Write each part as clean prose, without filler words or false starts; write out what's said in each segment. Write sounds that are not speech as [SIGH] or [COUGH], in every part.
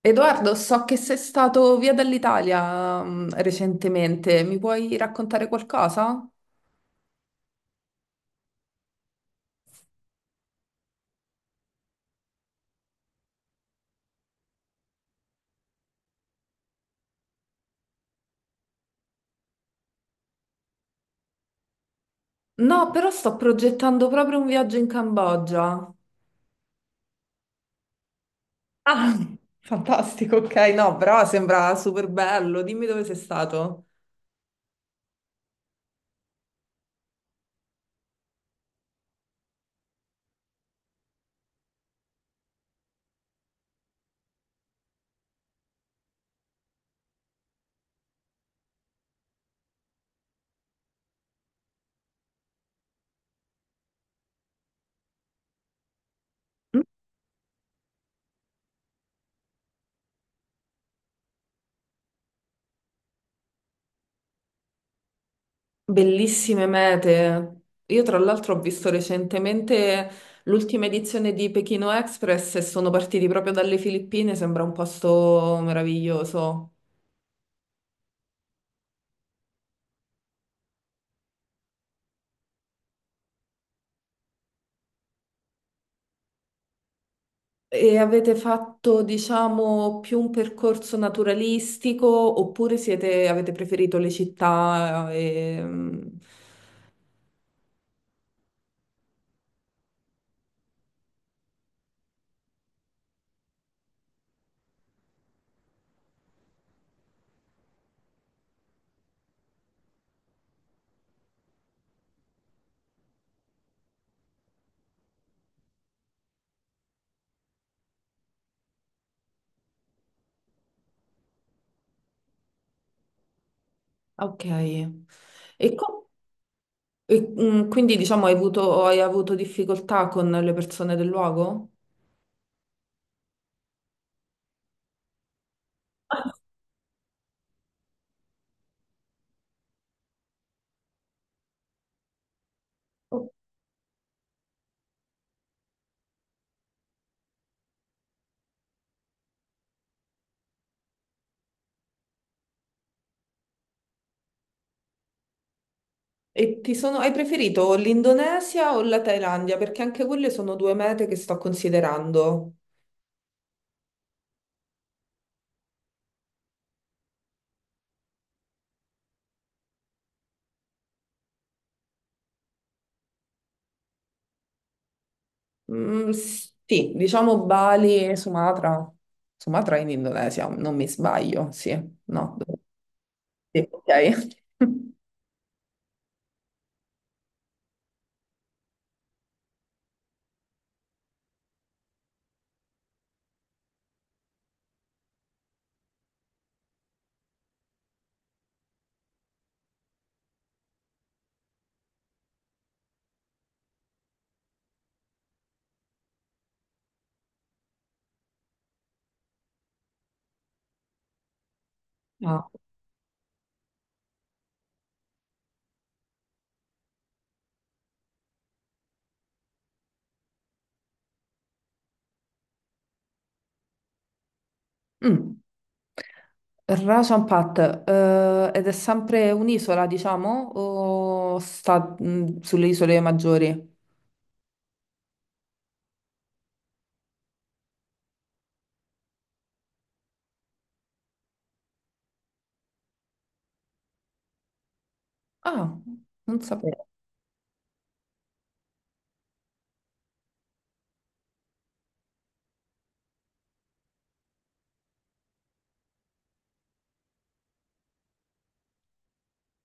Edoardo, so che sei stato via dall'Italia, recentemente, mi puoi raccontare qualcosa? No, però sto progettando proprio un viaggio in Cambogia. Ah, [LAUGHS] fantastico, ok, no, però sembra super bello. Dimmi dove sei stato. Mm. Bellissime mete. Io tra l'altro ho visto recentemente l'ultima edizione di Pechino Express e sono partiti proprio dalle Filippine, sembra un posto meraviglioso. E avete fatto, diciamo, più un percorso naturalistico oppure avete preferito le città? E... Ok. E, co- e, quindi, diciamo, hai avuto difficoltà con le persone del luogo? Oh. E ti sono, hai preferito l'Indonesia o la Thailandia? Perché anche quelle sono due mete che sto considerando. Mm, sì, diciamo Bali e Sumatra. Sumatra in Indonesia, non mi sbaglio, sì, no. Sì, ok. [LAUGHS] Ah. Mm. Rajan Pat, ed è sempre un'isola, diciamo, o sta sulle isole maggiori? Ah, non sapevo.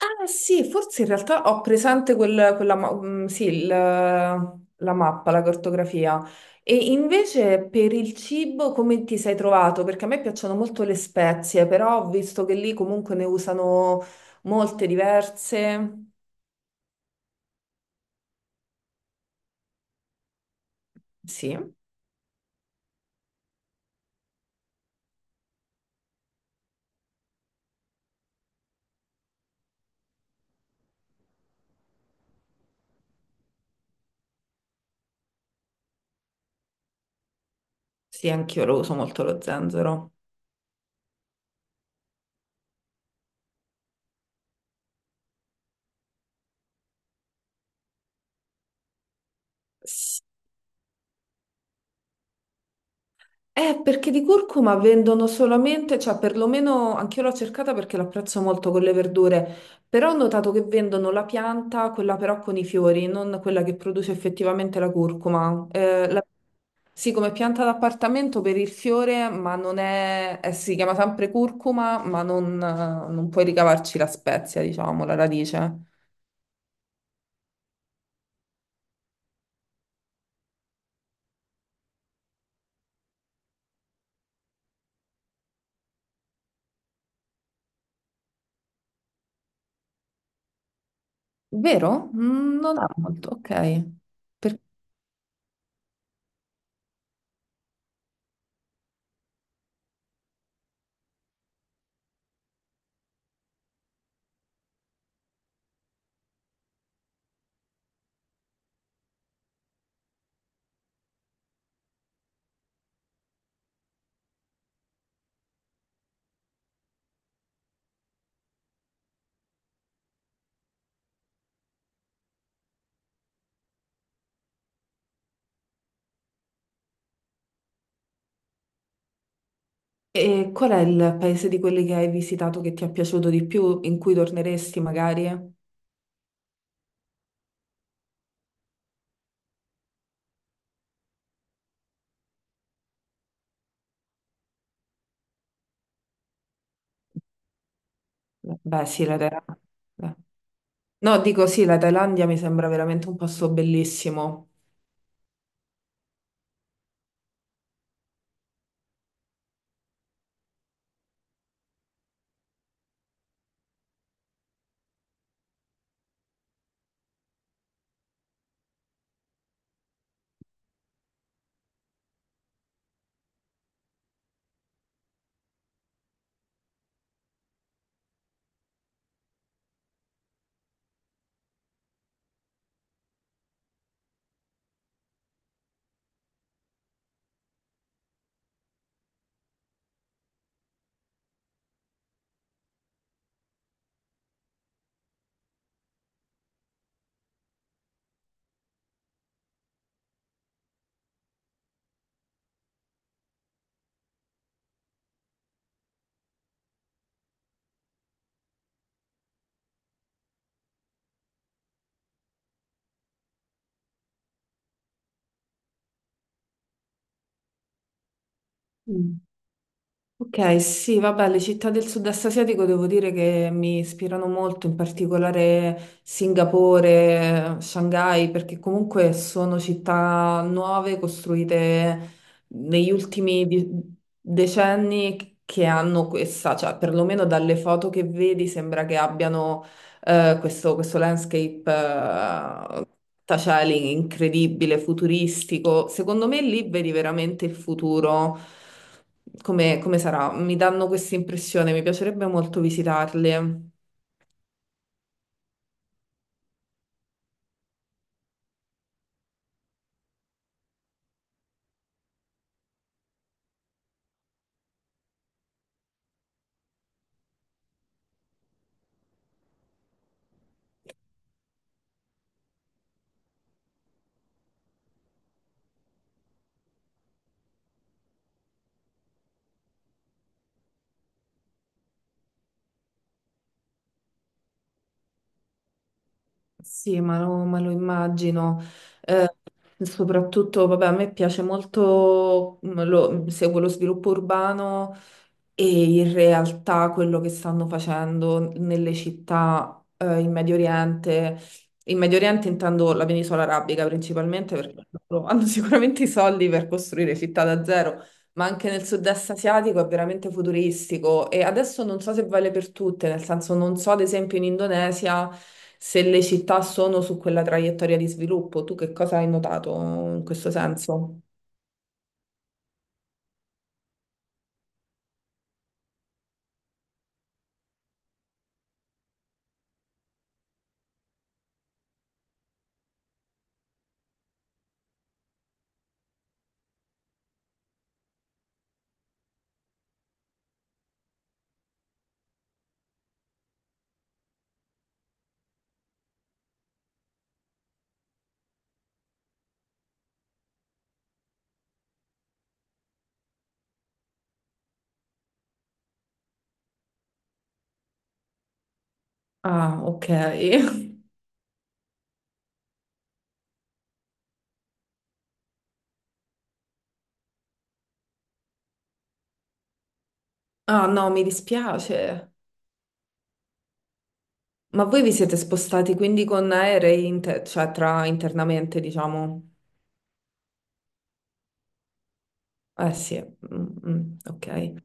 Ah sì, forse in realtà ho presente quella, sì, la mappa, la cartografia. E invece per il cibo come ti sei trovato? Perché a me piacciono molto le spezie, però ho visto che lì comunque ne usano molte diverse. Sì, sì, anch'io lo uso molto lo zenzero. Perché di curcuma vendono solamente, cioè perlomeno anch'io l'ho cercata perché l'apprezzo molto con le verdure, però ho notato che vendono la pianta, quella però con i fiori, non quella che produce effettivamente la curcuma. Sì, come pianta d'appartamento per il fiore, ma non è, si chiama sempre curcuma, ma non puoi ricavarci la spezia, diciamo, la radice. Vero? Mm. Non ha molto, ok. Perché e qual è il paese di quelli che hai visitato che ti è piaciuto di più, in cui torneresti magari? Beh, sì, la Thailandia. No, dico sì, la Thailandia mi sembra veramente un posto bellissimo. Mm. Ok, sì, vabbè, le città del sud-est asiatico devo dire che mi ispirano molto, in particolare Singapore, Shanghai, perché comunque sono città nuove costruite negli ultimi decenni che hanno questa, cioè perlomeno dalle foto che vedi sembra che abbiano questo landscape taciali incredibile, futuristico. Secondo me lì vedi veramente il futuro come sarà. Mi danno questa impressione, mi piacerebbe molto visitarli. Sì, ma lo immagino. Mm. Eh, soprattutto, vabbè, a me piace molto, seguo lo sviluppo urbano e in realtà quello che stanno facendo nelle città, in Medio Oriente. In Medio Oriente intendo la penisola arabica principalmente perché loro hanno [LAUGHS] sicuramente i soldi per costruire città da zero. Ma anche nel sud-est asiatico è veramente futuristico e adesso non so se vale per tutte, nel senso non so ad esempio in Indonesia se le città sono su quella traiettoria di sviluppo. Tu che cosa hai notato in questo senso? Ah, ok. [LAUGHS] Ah, no, mi dispiace. Ma voi vi siete spostati quindi con aerei, cioè tra internamente, diciamo? Eh sì. Mm, mm, ok.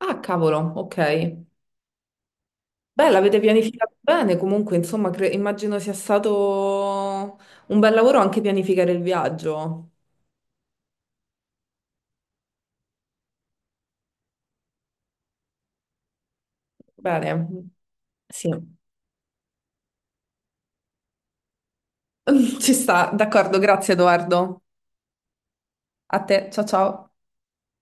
Ah, cavolo, ok. Beh, l'avete pianificato bene, comunque, insomma, immagino sia stato un bel lavoro anche pianificare il viaggio. Bene, sì, [LAUGHS] ci sta, d'accordo, grazie Edoardo. A te, ciao ciao.